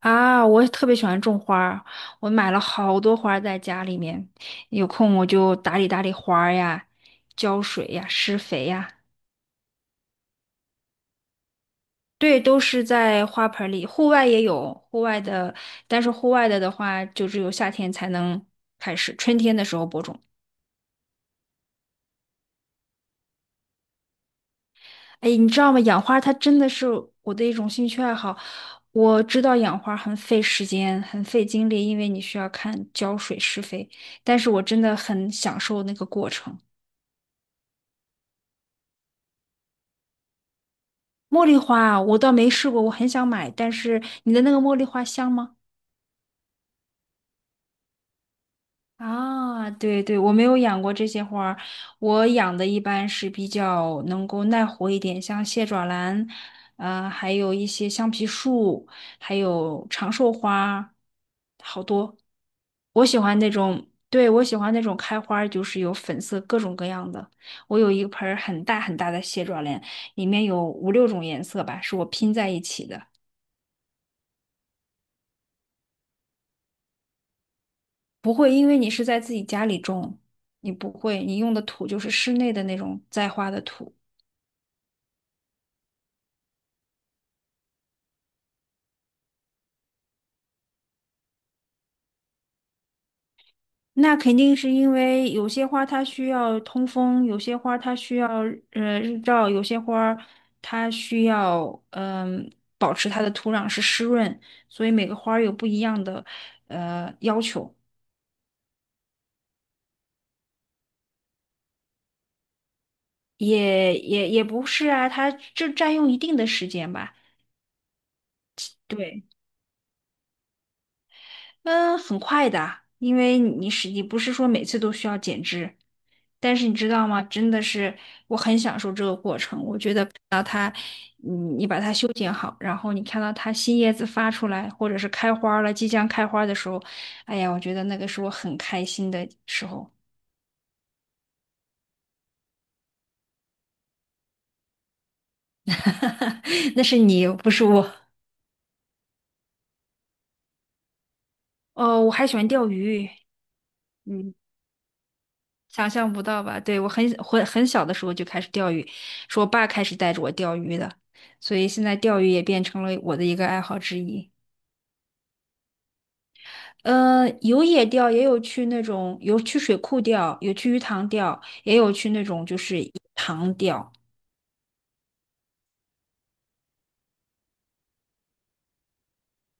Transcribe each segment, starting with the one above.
啊，我也特别喜欢种花儿，我买了好多花儿在家里面，有空我就打理打理花儿呀，浇水呀，施肥呀，对，都是在花盆里。户外也有户外的，但是户外的话，就只有夏天才能开始，春天的时候播种。哎，你知道吗？养花它真的是我的一种兴趣爱好。我知道养花很费时间，很费精力，因为你需要看浇水、施肥，但是我真的很享受那个过程。茉莉花，我倒没试过，我很想买，但是你的那个茉莉花香吗？啊，对对，我没有养过这些花儿，我养的一般是比较能够耐活一点，像蟹爪兰，还有一些橡皮树，还有长寿花，好多。我喜欢那种，对，我喜欢那种开花儿就是有粉色各种各样的。我有一盆儿很大很大的蟹爪兰，里面有五六种颜色吧，是我拼在一起的。不会，因为你是在自己家里种，你不会，你用的土就是室内的那种栽花的土。那肯定是因为有些花它需要通风，有些花它需要日照，有些花儿它需要保持它的土壤是湿润，所以每个花儿有不一样的要求，也不是啊，它就占用一定的时间吧。对。嗯，很快的，因为你不是说每次都需要剪枝，但是你知道吗？真的是我很享受这个过程。我觉得看到它，你把它修剪好，然后你看到它新叶子发出来，或者是开花儿了，即将开花儿的时候，哎呀，我觉得那个是我很开心的时候。那是你，不是我。哦，我还喜欢钓鱼。嗯。想象不到吧？对，我很小的时候就开始钓鱼，是我爸开始带着我钓鱼的，所以现在钓鱼也变成了我的一个爱好之一。有野钓，也有去那种水库钓，有去鱼塘钓，也有去那种就是塘钓。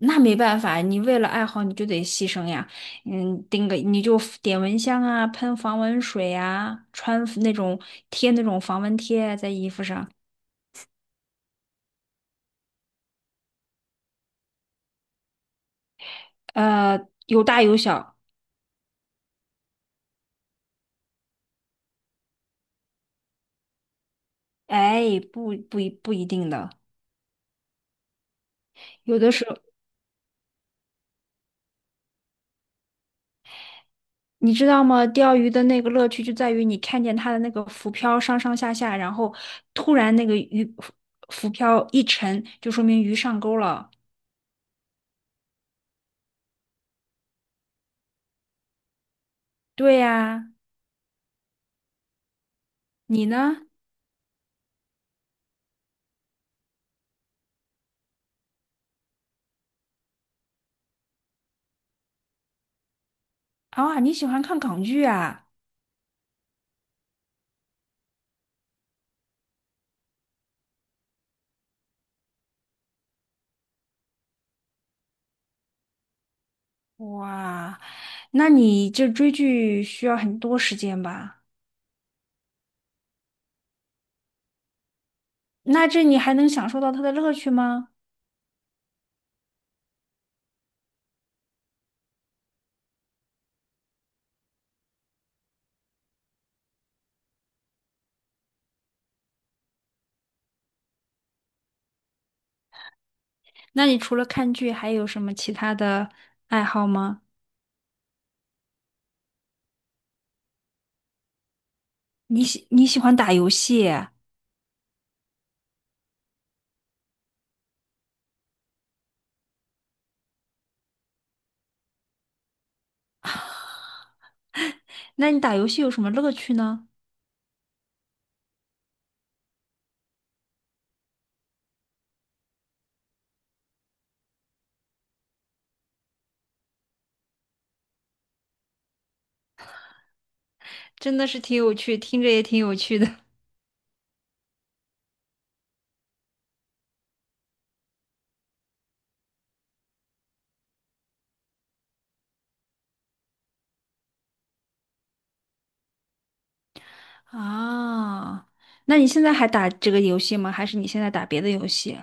那没办法，你为了爱好你就得牺牲呀。嗯，钉个你就点蚊香啊，喷防蚊水啊，穿那种贴那种防蚊贴在衣服上。呃，有大有小，哎，不不一不一定的，有的时候你知道吗？钓鱼的那个乐趣就在于你看见它的那个浮漂上上下下，然后突然那个浮漂一沉，就说明鱼上钩了。对呀，你呢？啊，你喜欢看港剧啊？哇，那你这追剧需要很多时间吧？那这你还能享受到它的乐趣吗？那你除了看剧，还有什么其他的爱好吗？你喜欢打游戏？那你打游戏有什么乐趣呢？真的是挺有趣，听着也挺有趣的。啊，那你现在还打这个游戏吗？还是你现在打别的游戏？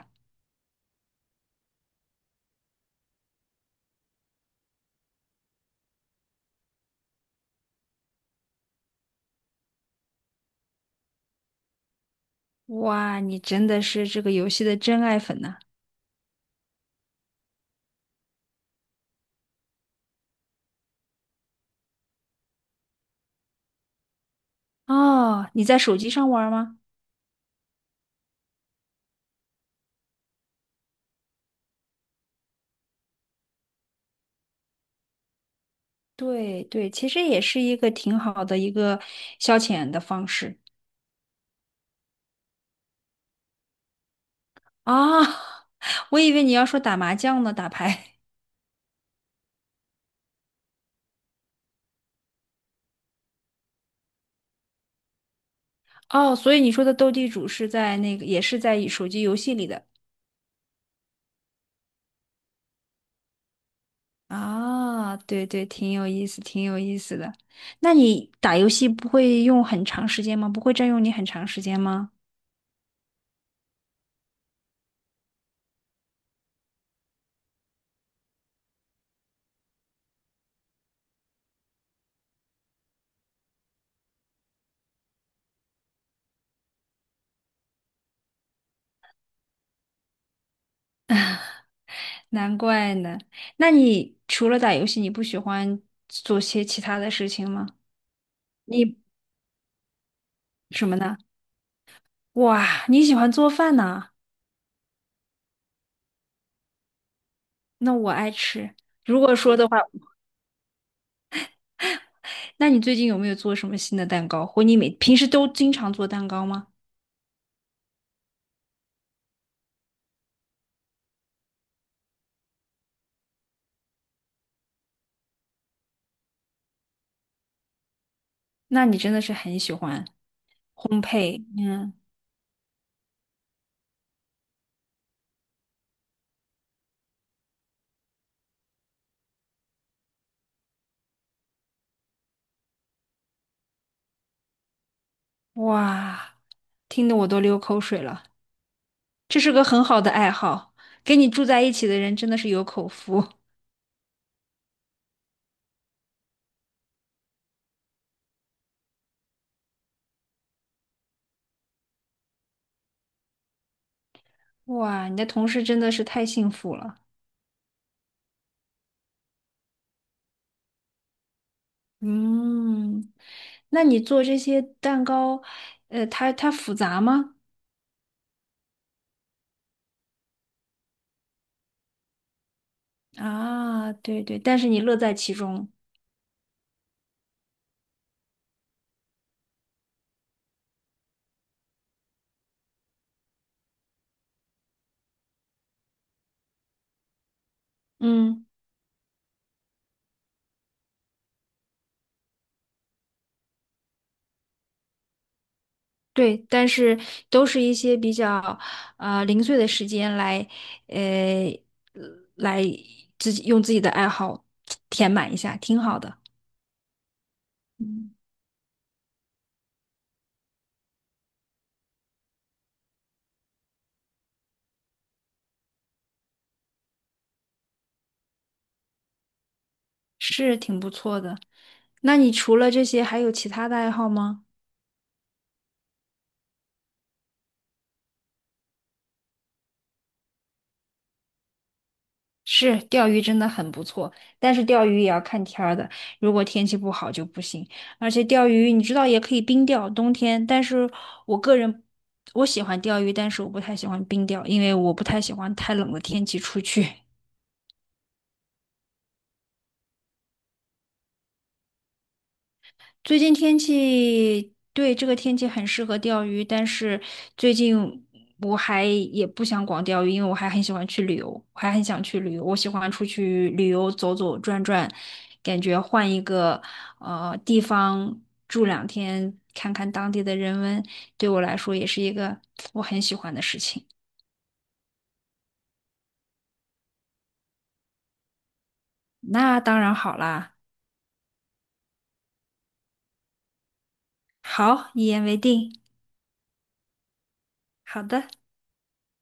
哇，你真的是这个游戏的真爱粉呐！哦，你在手机上玩吗？对对，其实也是一个挺好的一个消遣的方式。啊，我以为你要说打麻将呢，打牌。哦，所以你说的斗地主是在那个，也是在手机游戏里的。啊，对对，挺有意思，挺有意思的。那你打游戏不会用很长时间吗？不会占用你很长时间吗？难怪呢。那你除了打游戏，你不喜欢做些其他的事情吗？你什么呢？哇，你喜欢做饭呢？那我爱吃。如果说的话，那你最近有没有做什么新的蛋糕？或你每平时都经常做蛋糕吗？那你真的是很喜欢烘焙。嗯，哇，听得我都流口水了。这是个很好的爱好，跟你住在一起的人真的是有口福。哇，你的同事真的是太幸福了。嗯，那你做这些蛋糕，它复杂吗？啊，对对，但是你乐在其中。嗯，对，但是都是一些比较啊、零碎的时间来，呃，来自己用自己的爱好填满一下，挺好的。嗯，是挺不错的。那你除了这些，还有其他的爱好吗？是，钓鱼真的很不错，但是钓鱼也要看天儿的，如果天气不好就不行。而且钓鱼，你知道也可以冰钓，冬天。但是我个人，我喜欢钓鱼，但是我不太喜欢冰钓，因为我不太喜欢太冷的天气出去。最近天气，对，这个天气很适合钓鱼，但是最近我还也不想光钓鱼，因为我还很喜欢去旅游，我还很想去旅游，我喜欢出去旅游走走转转，感觉换一个地方住两天，看看当地的人文，对我来说也是一个我很喜欢的事情。那当然好啦，好，一言为定，好的。